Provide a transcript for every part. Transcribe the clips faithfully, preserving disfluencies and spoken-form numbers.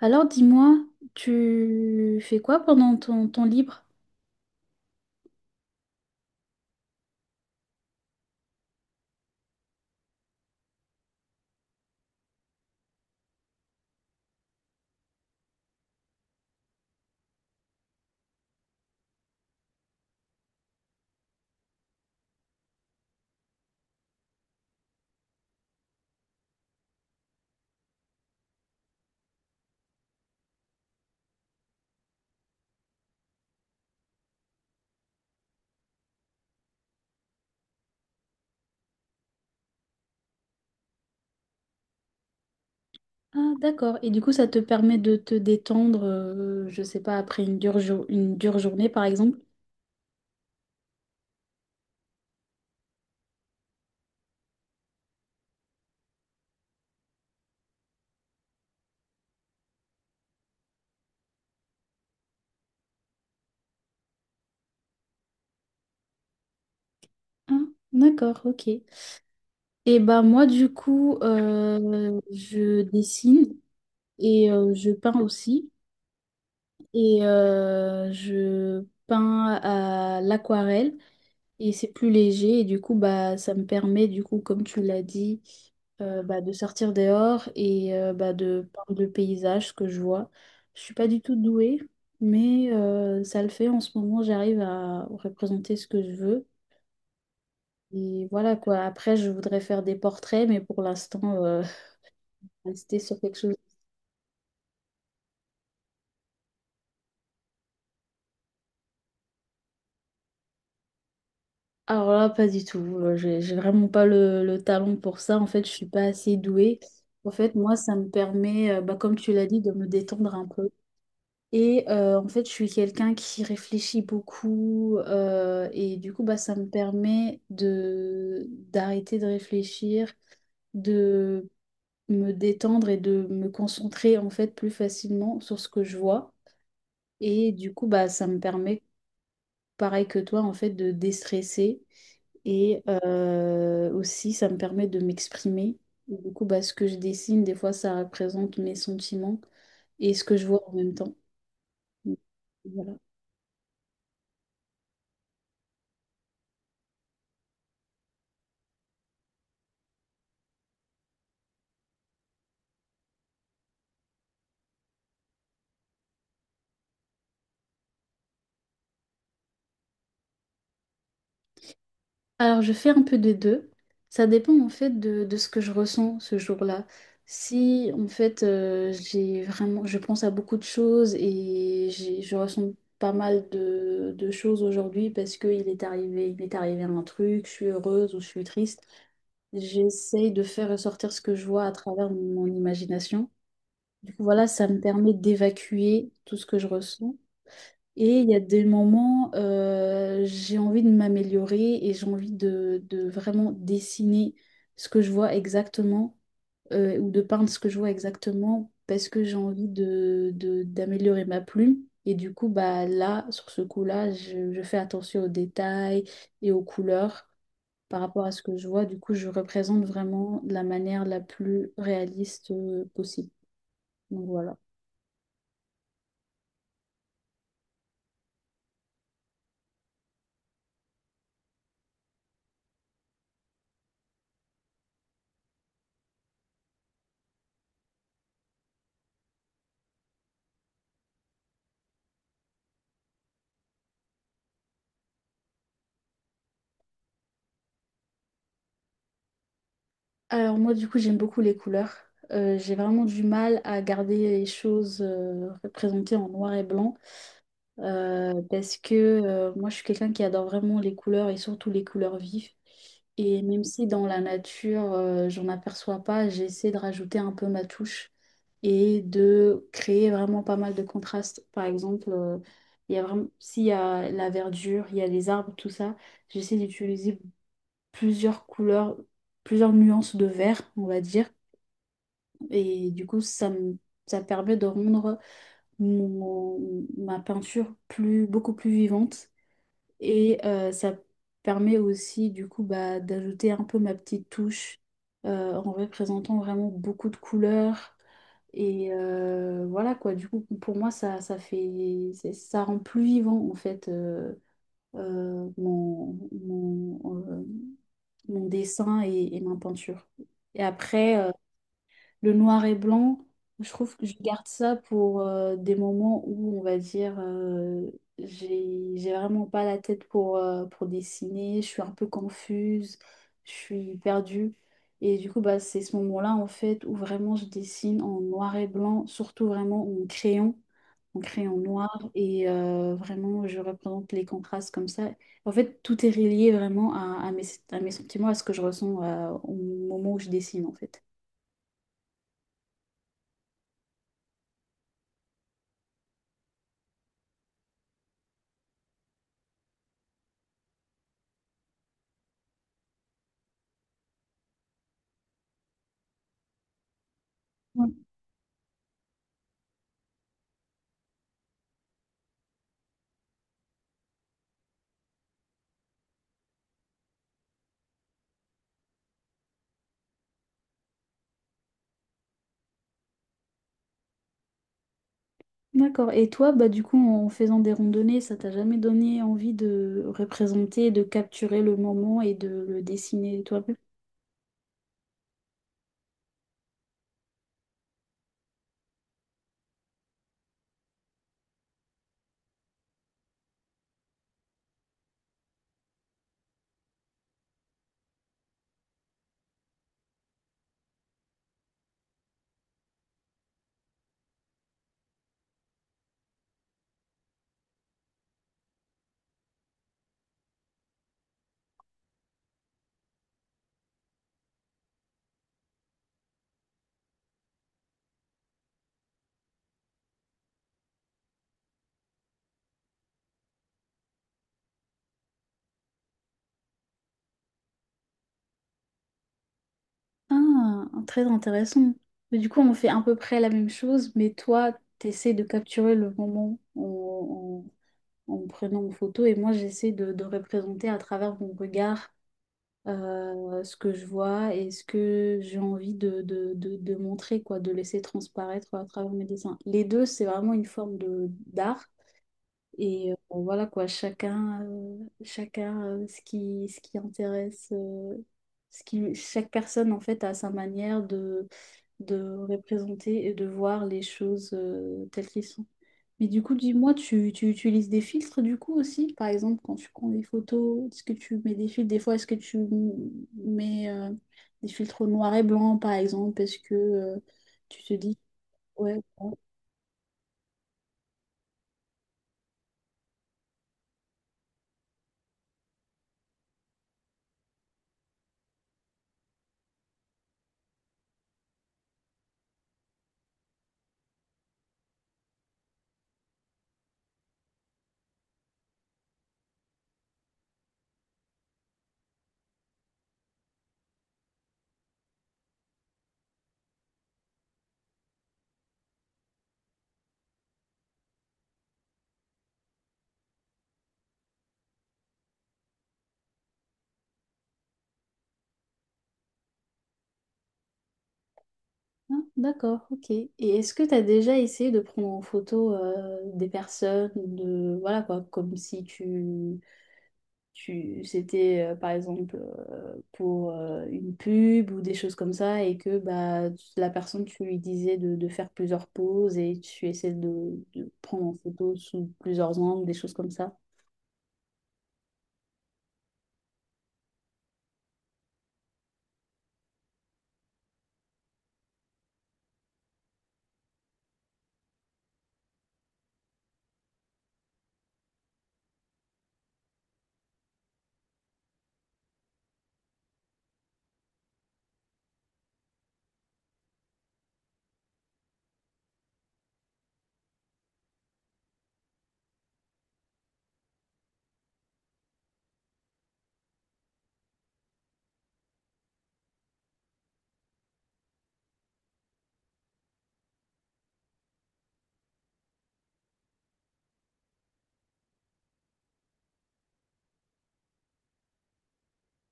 Alors dis-moi, tu fais quoi pendant ton temps libre? Ah d'accord. Et du coup, ça te permet de te détendre, euh, je sais pas, après une dure, jour- une dure journée par exemple? Ah d'accord, ok. Et bah moi du coup, euh, je dessine et euh, je peins aussi. Et euh, je peins à l'aquarelle. Et c'est plus léger et du coup bah ça me permet du coup comme tu l'as dit euh, bah, de sortir dehors et euh, bah, de par le paysage ce que je vois. Je suis pas du tout douée mais euh, ça le fait en ce moment j'arrive à représenter ce que je veux et voilà quoi. Après je voudrais faire des portraits mais pour l'instant euh, rester sur quelque chose. Alors là pas du tout. Euh, J'ai j'ai vraiment pas le, le talent pour ça. En fait je suis pas assez douée. En fait moi ça me permet euh, bah, comme tu l'as dit de me détendre un peu. Et euh, en fait, je suis quelqu'un qui réfléchit beaucoup euh, et du coup, bah, ça me permet de d'arrêter de réfléchir, de me détendre et de me concentrer en fait plus facilement sur ce que je vois. Et du coup, bah, ça me permet, pareil que toi, en fait, de déstresser et euh, aussi, ça me permet de m'exprimer. Et du coup, bah, ce que je dessine, des fois, ça représente mes sentiments et ce que je vois en même temps. Mm. Voilà. Alors, je fais un peu des deux. Ça dépend en fait de, de ce que je ressens ce jour-là. Si en fait euh, j'ai vraiment, je pense à beaucoup de choses et j'ai- je ressens pas mal de, de choses aujourd'hui parce qu'il est arrivé, il m'est arrivé un truc, je suis heureuse ou je suis triste. J'essaye de faire ressortir ce que je vois à travers mon imagination. Du coup, voilà, ça me permet d'évacuer tout ce que je ressens. Et il y a des moments, euh, j'ai envie de m'améliorer et j'ai envie de, de vraiment dessiner ce que je vois exactement euh, ou de peindre ce que je vois exactement parce que j'ai envie de, de- d'améliorer ma plume. Et du coup, bah, là, sur ce coup-là, je, je fais attention aux détails et aux couleurs par rapport à ce que je vois. Du coup, je représente vraiment de la manière la plus réaliste euh, possible. Donc voilà. Alors moi du coup j'aime beaucoup les couleurs. Euh, j'ai vraiment du mal à garder les choses euh, représentées en noir et blanc euh, parce que euh, moi je suis quelqu'un qui adore vraiment les couleurs et surtout les couleurs vives. Et même si dans la nature euh, j'en aperçois pas, j'essaie de rajouter un peu ma touche et de créer vraiment pas mal de contrastes. Par exemple, euh, il y a vraiment s'il y a la verdure, il y a les arbres, tout ça, j'essaie d'utiliser plusieurs couleurs, plusieurs nuances de vert, on va dire. Et du coup, ça me, ça permet de rendre mon- ma peinture plus, beaucoup plus vivante. Et euh, ça permet aussi, du coup, bah, d'ajouter un peu ma petite touche euh, en représentant vraiment beaucoup de couleurs. Et euh, voilà quoi, du coup, pour moi, ça, ça fait, c'est- ça rend plus vivant, en fait, euh, euh, mon, mon, euh, mon dessin et, et ma peinture. Et après, le noir et blanc, je trouve que je garde ça pour euh, des moments où, on va dire, euh, j'ai, j'ai vraiment pas la tête pour, euh, pour dessiner, je suis un peu confuse, je suis perdue. Et du coup, bah, c'est ce moment-là, en fait, où vraiment je dessine en noir et blanc, surtout vraiment en crayon, en crayon noir. Et euh, vraiment, je représente les contrastes comme ça. En fait, tout est relié vraiment à, à mes, à mes sentiments, à ce que je ressens euh, au moment où je dessine, en fait. D'accord. Et toi, bah, du coup, en faisant des randonnées, ça t'a jamais donné envie de représenter, de capturer le moment et de le dessiner toi-même? Ah, très intéressant. Mais du coup, on fait à peu près la même chose, mais toi, t'essaies de capturer le moment en, en- en me prenant en photo et moi, j'essaie de, de représenter à travers mon regard euh, ce que je vois et ce que j'ai envie de, de, de, de montrer, quoi, de laisser transparaître à travers mes dessins. Les deux, c'est vraiment une forme de d'art. Et euh, bon, voilà quoi, chacun, euh, chacun euh, ce qui, ce qui intéresse, euh, ce qui, chaque personne en fait a sa manière de, de représenter et de voir les choses euh, telles qu'elles sont. Mais du coup, dis-moi, tu, tu utilises des filtres du coup aussi? Par exemple, quand tu prends des photos, est-ce que tu mets des filtres? Des fois, est-ce que tu mets euh, des filtres noir et blanc, par exemple? Parce que euh, tu te dis, ouais. Bon, ah, d'accord, ok. Et est-ce que tu as déjà essayé de prendre en photo euh, des personnes, de voilà quoi, comme si tu, tu c'était euh, par exemple euh, pour euh, une pub ou des choses comme ça et que bah tu- la personne tu lui disais de, de faire plusieurs poses et tu essaies de, de prendre en photo sous plusieurs angles, des choses comme ça.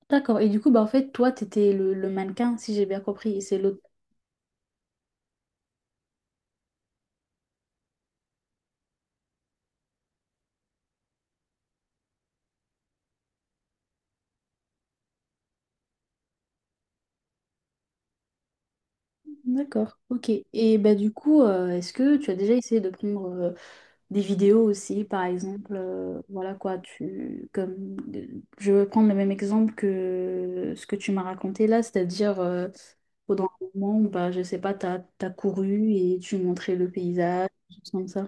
D'accord. Et du coup bah en fait toi t'étais le, le mannequin si j'ai bien compris et c'est l'autre. D'accord, ok. Et bah du coup euh, est-ce que tu as déjà essayé de prendre euh, des vidéos aussi, par exemple, euh, voilà quoi, tu, comme, je vais prendre le même exemple que ce que tu m'as raconté là, c'est-à-dire euh, pendant un moment, bah, je sais pas, t'as, t'as couru et tu montrais le paysage, des choses comme ça.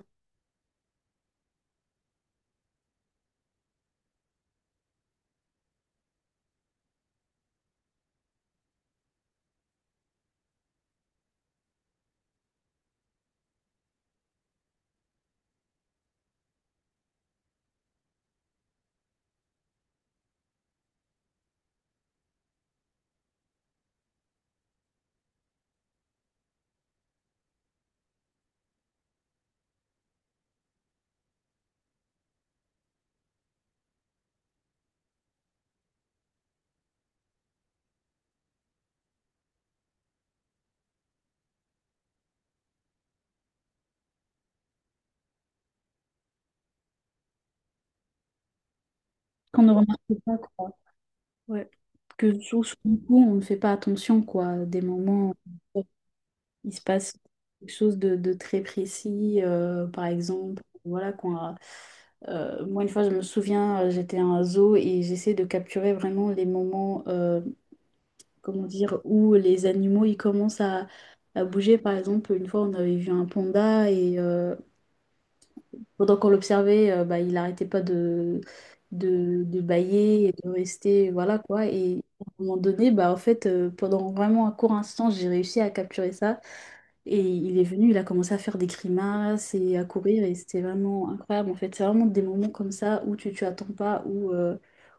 Qu'on ne remarque pas, quoi. Ouais. Que sur, sur le coup, on ne fait pas attention, quoi, des moments. Il se passe quelque chose de, de très précis. euh, par exemple, voilà, quand, euh, euh, moi, une fois, je me souviens, euh, j'étais à un zoo et j'essaie de capturer vraiment les moments, euh, comment dire, où les animaux, ils commencent à, à bouger. Par exemple, une fois, on avait vu un panda et euh, pendant qu'on l'observait, euh, bah, il n'arrêtait pas de, de, de bâiller et de rester, voilà quoi. Et à un moment donné, bah, en fait, euh, pendant vraiment un court instant, j'ai réussi à capturer ça. Et il est venu, il a commencé à faire des grimaces et à courir et c'était vraiment incroyable en fait. C'est vraiment des moments comme ça où tu tu attends pas, où, euh,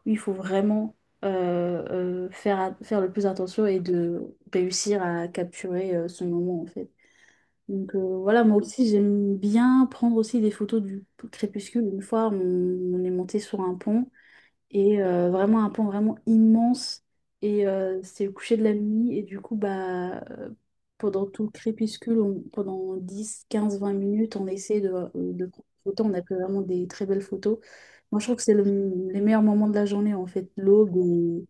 où il faut vraiment euh, euh, faire, a- faire le plus attention et de réussir à capturer euh, ce moment en fait. Donc euh, voilà, moi aussi j'aime bien prendre aussi des photos du crépuscule. Une fois on, on est monté sur un pont et euh, vraiment un pan vraiment immense et euh, c'est le coucher de la nuit et du coup bah euh, pendant tout le crépuscule on- pendant dix quinze vingt minutes on essaie de, euh, de prendre des photos on a pris vraiment des très belles photos. Moi je trouve que c'est le- les meilleurs moments de la journée en fait l'aube et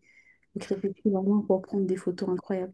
le crépuscule vraiment pour prendre des photos incroyables.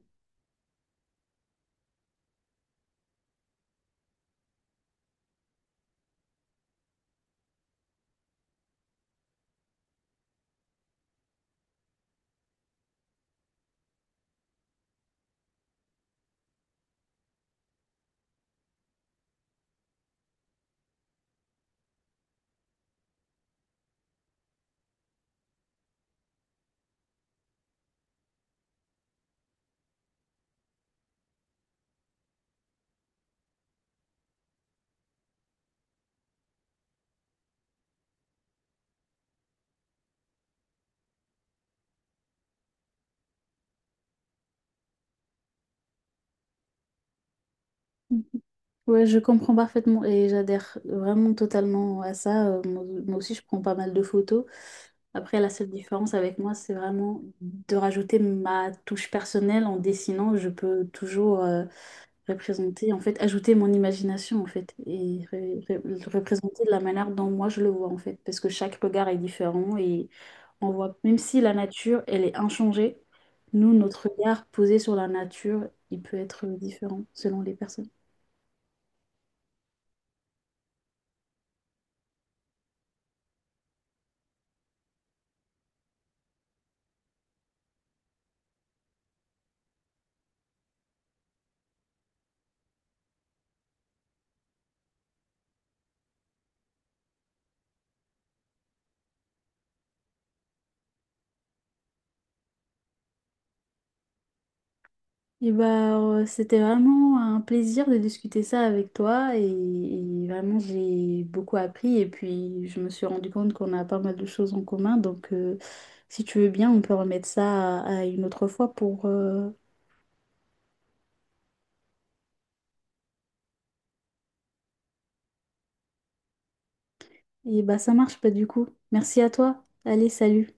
Mm. Ouais, je comprends parfaitement et j'adhère vraiment totalement à ça. Euh, moi, moi aussi, je prends pas mal de photos. Après, la seule différence avec moi, c'est vraiment de rajouter ma touche personnelle en dessinant. Je peux toujours euh, représenter, en fait, ajouter mon imagination, en fait, et re- re- le représenter de la manière dont moi je le vois, en fait, parce que chaque regard est différent et on voit, même si la nature, elle est inchangée, nous, notre regard posé sur la nature, il peut être différent selon les personnes. Et bah, euh, c'était vraiment un plaisir de discuter ça avec toi et, et vraiment j'ai beaucoup appris et puis je me suis rendu compte qu'on a pas mal de choses en commun donc euh, si tu veux bien on peut remettre ça à, à une autre fois pour euh, et bah ça marche pas du coup. Merci à toi. Allez, salut.